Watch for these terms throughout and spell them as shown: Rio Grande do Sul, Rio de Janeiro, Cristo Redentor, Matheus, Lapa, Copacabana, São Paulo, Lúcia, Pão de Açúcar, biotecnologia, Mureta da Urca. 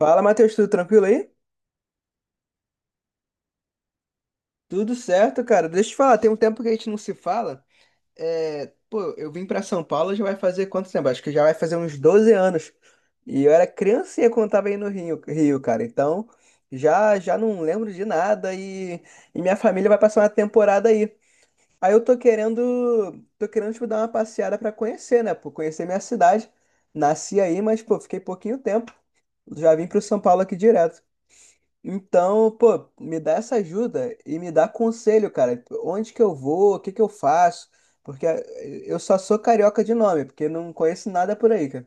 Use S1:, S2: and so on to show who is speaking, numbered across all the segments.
S1: Fala, Matheus, tudo tranquilo aí? Tudo certo, cara. Deixa eu te falar, tem um tempo que a gente não se fala. É, pô, eu vim pra São Paulo já vai fazer quanto tempo? Acho que já vai fazer uns 12 anos. E eu era criancinha quando tava aí no Rio, cara. Então, já já não lembro de nada e minha família vai passar uma temporada aí. Aí eu tô querendo, tipo, dar uma passeada pra conhecer, né? Pô, conhecer minha cidade. Nasci aí, mas, pô, fiquei pouquinho tempo. Já vim pro São Paulo aqui direto. Então, pô, me dá essa ajuda e me dá conselho, cara. Onde que eu vou? O que que eu faço? Porque eu só sou carioca de nome, porque não conheço nada por aí, cara.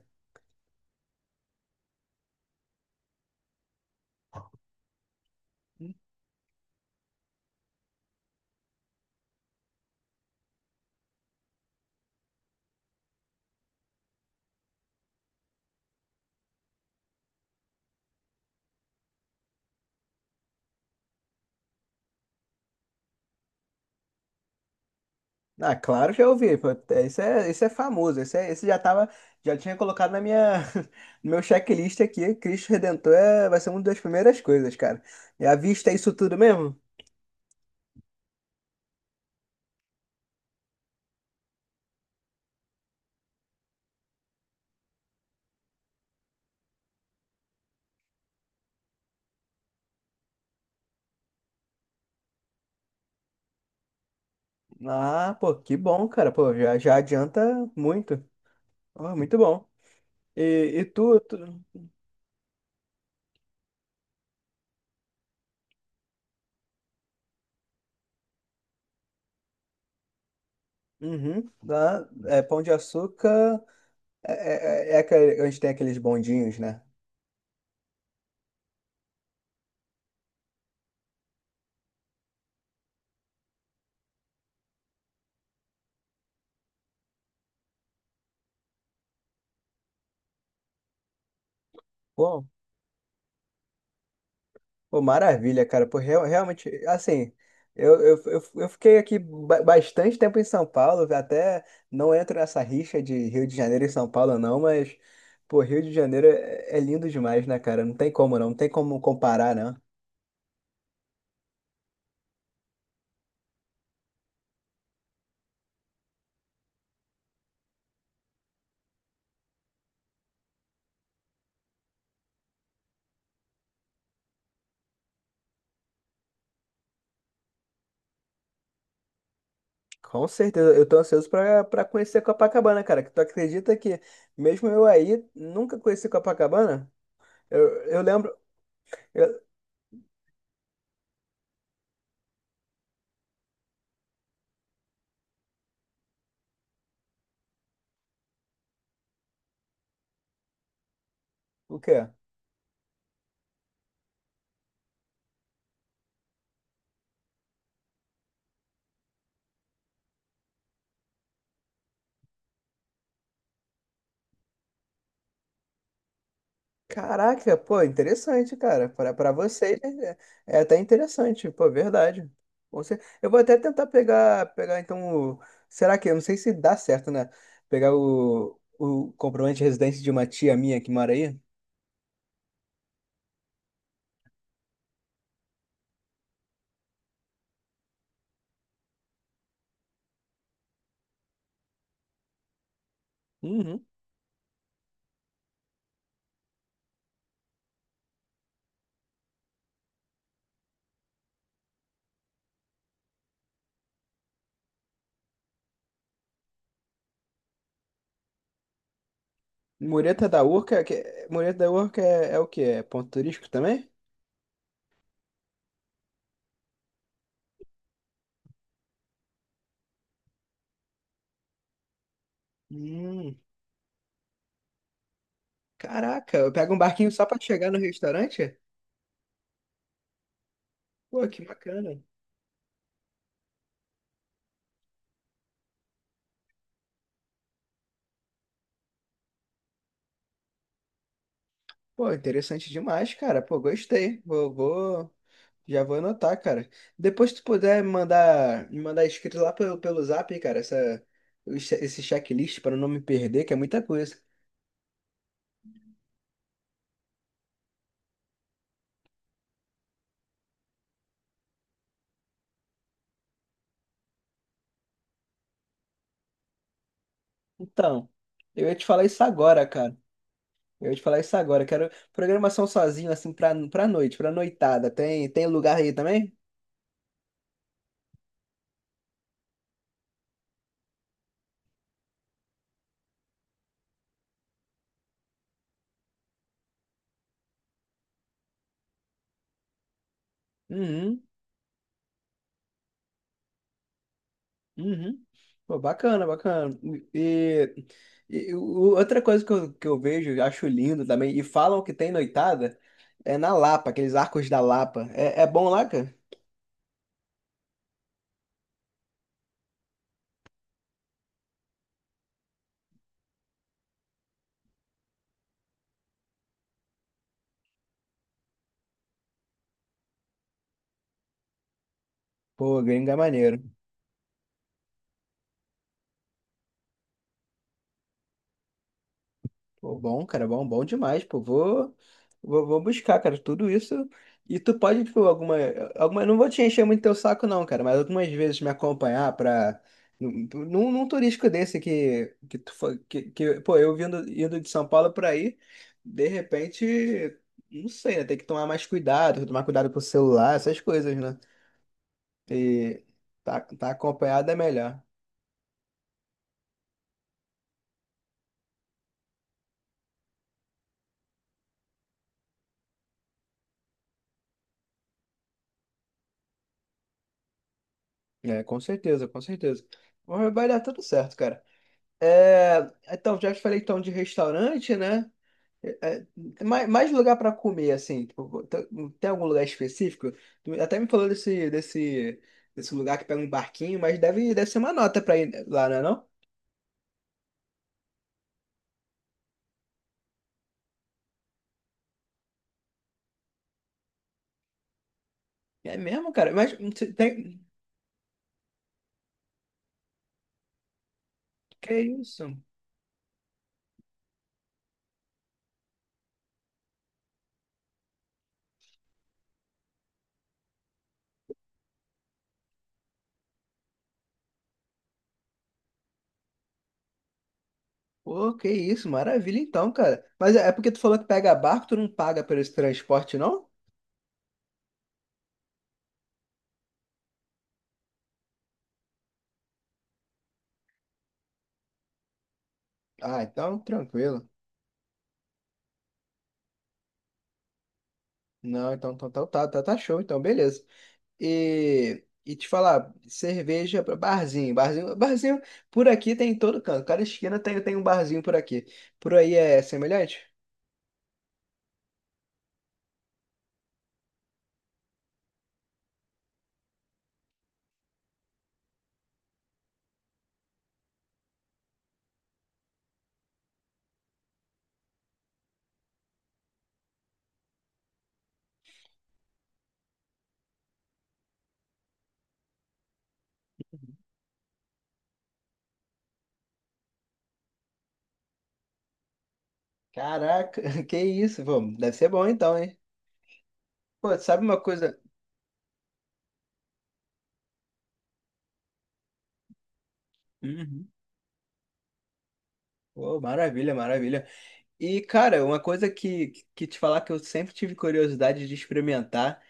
S1: Ah, claro, já ouvi. Pô. Esse é famoso. Esse já tinha colocado no meu checklist aqui. Cristo Redentor vai ser uma das primeiras coisas, cara. E à vista é isso tudo mesmo? Ah, pô, que bom, cara. Pô, já adianta muito. Ó, muito bom. E, e tu? Uhum. Lá, Pão de Açúcar é, é onde tem aqueles bondinhos, né? Pô, pô, maravilha, cara. Pô, realmente, assim, eu fiquei aqui bastante tempo em São Paulo, até não entro nessa rixa de Rio de Janeiro e São Paulo, não, mas, pô, Rio de Janeiro é lindo demais, né, cara? Não tem como, não, não tem como comparar, né? Com certeza, eu tô ansioso pra conhecer Copacabana, cara. Que tu acredita que, mesmo eu aí, nunca conheci Copacabana? Eu, eu lembro. Eu- o quê? Caraca, pô, interessante, cara. Pra vocês é até interessante, pô, verdade. Eu vou até tentar pegar então. Será que? Eu não sei se dá certo, né? Pegar o comprovante de residência de uma tia minha que mora aí. Uhum. Mureta da Urca, que, Mureta da Urca é o quê? É ponto turístico também? Hum, caraca, eu pego um barquinho só pra chegar no restaurante? Pô, que bacana. Pô, interessante demais, cara. Pô, gostei. Já vou anotar, cara. Depois se tu puder me mandar escrito lá pelo Zap, cara, esse checklist para não me perder, que é muita coisa. Então, eu ia te falar isso agora, cara. Eu ia te falar isso agora. Quero programação sozinho, assim, pra noite, pra noitada. Tem lugar aí também? Uhum. Uhum. Pô, bacana, bacana. E, e outra coisa que eu vejo, eu acho lindo também, e falam que tem noitada, é na Lapa, aqueles arcos da Lapa. É bom lá, cara? Pô, gringo é maneiro. Pô, bom, cara, bom, bom demais, pô. Vou buscar, cara, tudo isso. E tu pode, tipo, alguma, não vou te encher muito teu saco, não, cara, mas algumas vezes me acompanhar pra, num turístico desse que tu foi, pô, eu indo de São Paulo pra aí, de repente, não sei, né, tem que tomar mais cuidado, tomar cuidado com o celular, essas coisas, né? E tá acompanhado é melhor. É, com certeza, com certeza. Mas vai dar tudo certo, cara. É, então, já te falei então de restaurante, né? É, é, mais lugar para comer, assim, tipo, tem algum lugar específico? Tu até me falou desse lugar que pega um barquinho, mas deve ser uma nota para ir lá, não é não? É mesmo, cara? Mas você tem. Que isso? Pô, que isso, maravilha então, cara. Mas é por tu falou que pega barco, tu não paga por esse transporte, não? Ah, então tranquilo. Não, então tá show, então beleza. E te falar, cerveja para barzinho por aqui tem em todo canto, cada esquina tem um barzinho por aqui. Por aí é semelhante? Caraca, que isso, pô, deve ser bom então, hein? Pô, sabe uma coisa? Uhum. Pô, maravilha, maravilha. E, cara, uma coisa que te falar que eu sempre tive curiosidade de experimentar,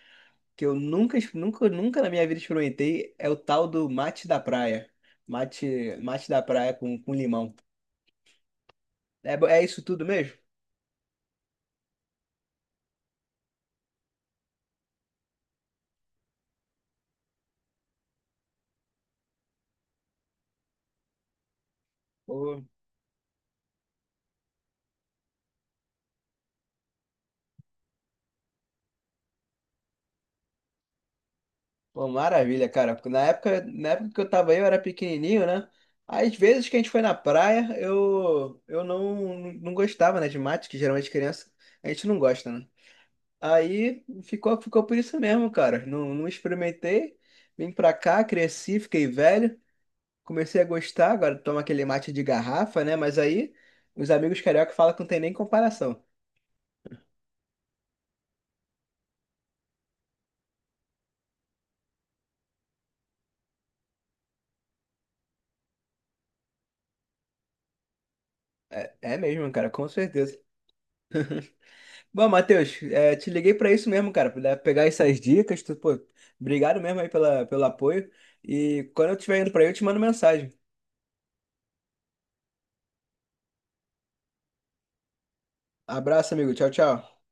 S1: que eu nunca, ex- nunca, nunca na minha vida experimentei, é o tal do mate da praia. Mate da praia com limão. É isso tudo mesmo? Pô, Pô, maravilha, cara. Na época que eu tava aí, eu era pequenininho, né? Às vezes que a gente foi na praia, eu não, não gostava, né, de mate, que geralmente criança a gente não gosta, né? Aí ficou por isso mesmo, cara. Não, não experimentei. Vim pra cá, cresci, fiquei velho. Comecei a gostar, agora tomo aquele mate de garrafa, né? Mas aí os amigos carioca falam que não tem nem comparação. É, é mesmo, cara, com certeza. Bom, Matheus, te liguei pra isso mesmo, cara, pra pegar essas dicas. Pô, obrigado mesmo aí pelo apoio. E quando eu estiver indo pra aí, eu te mando mensagem. Abraço, amigo. Tchau, tchau.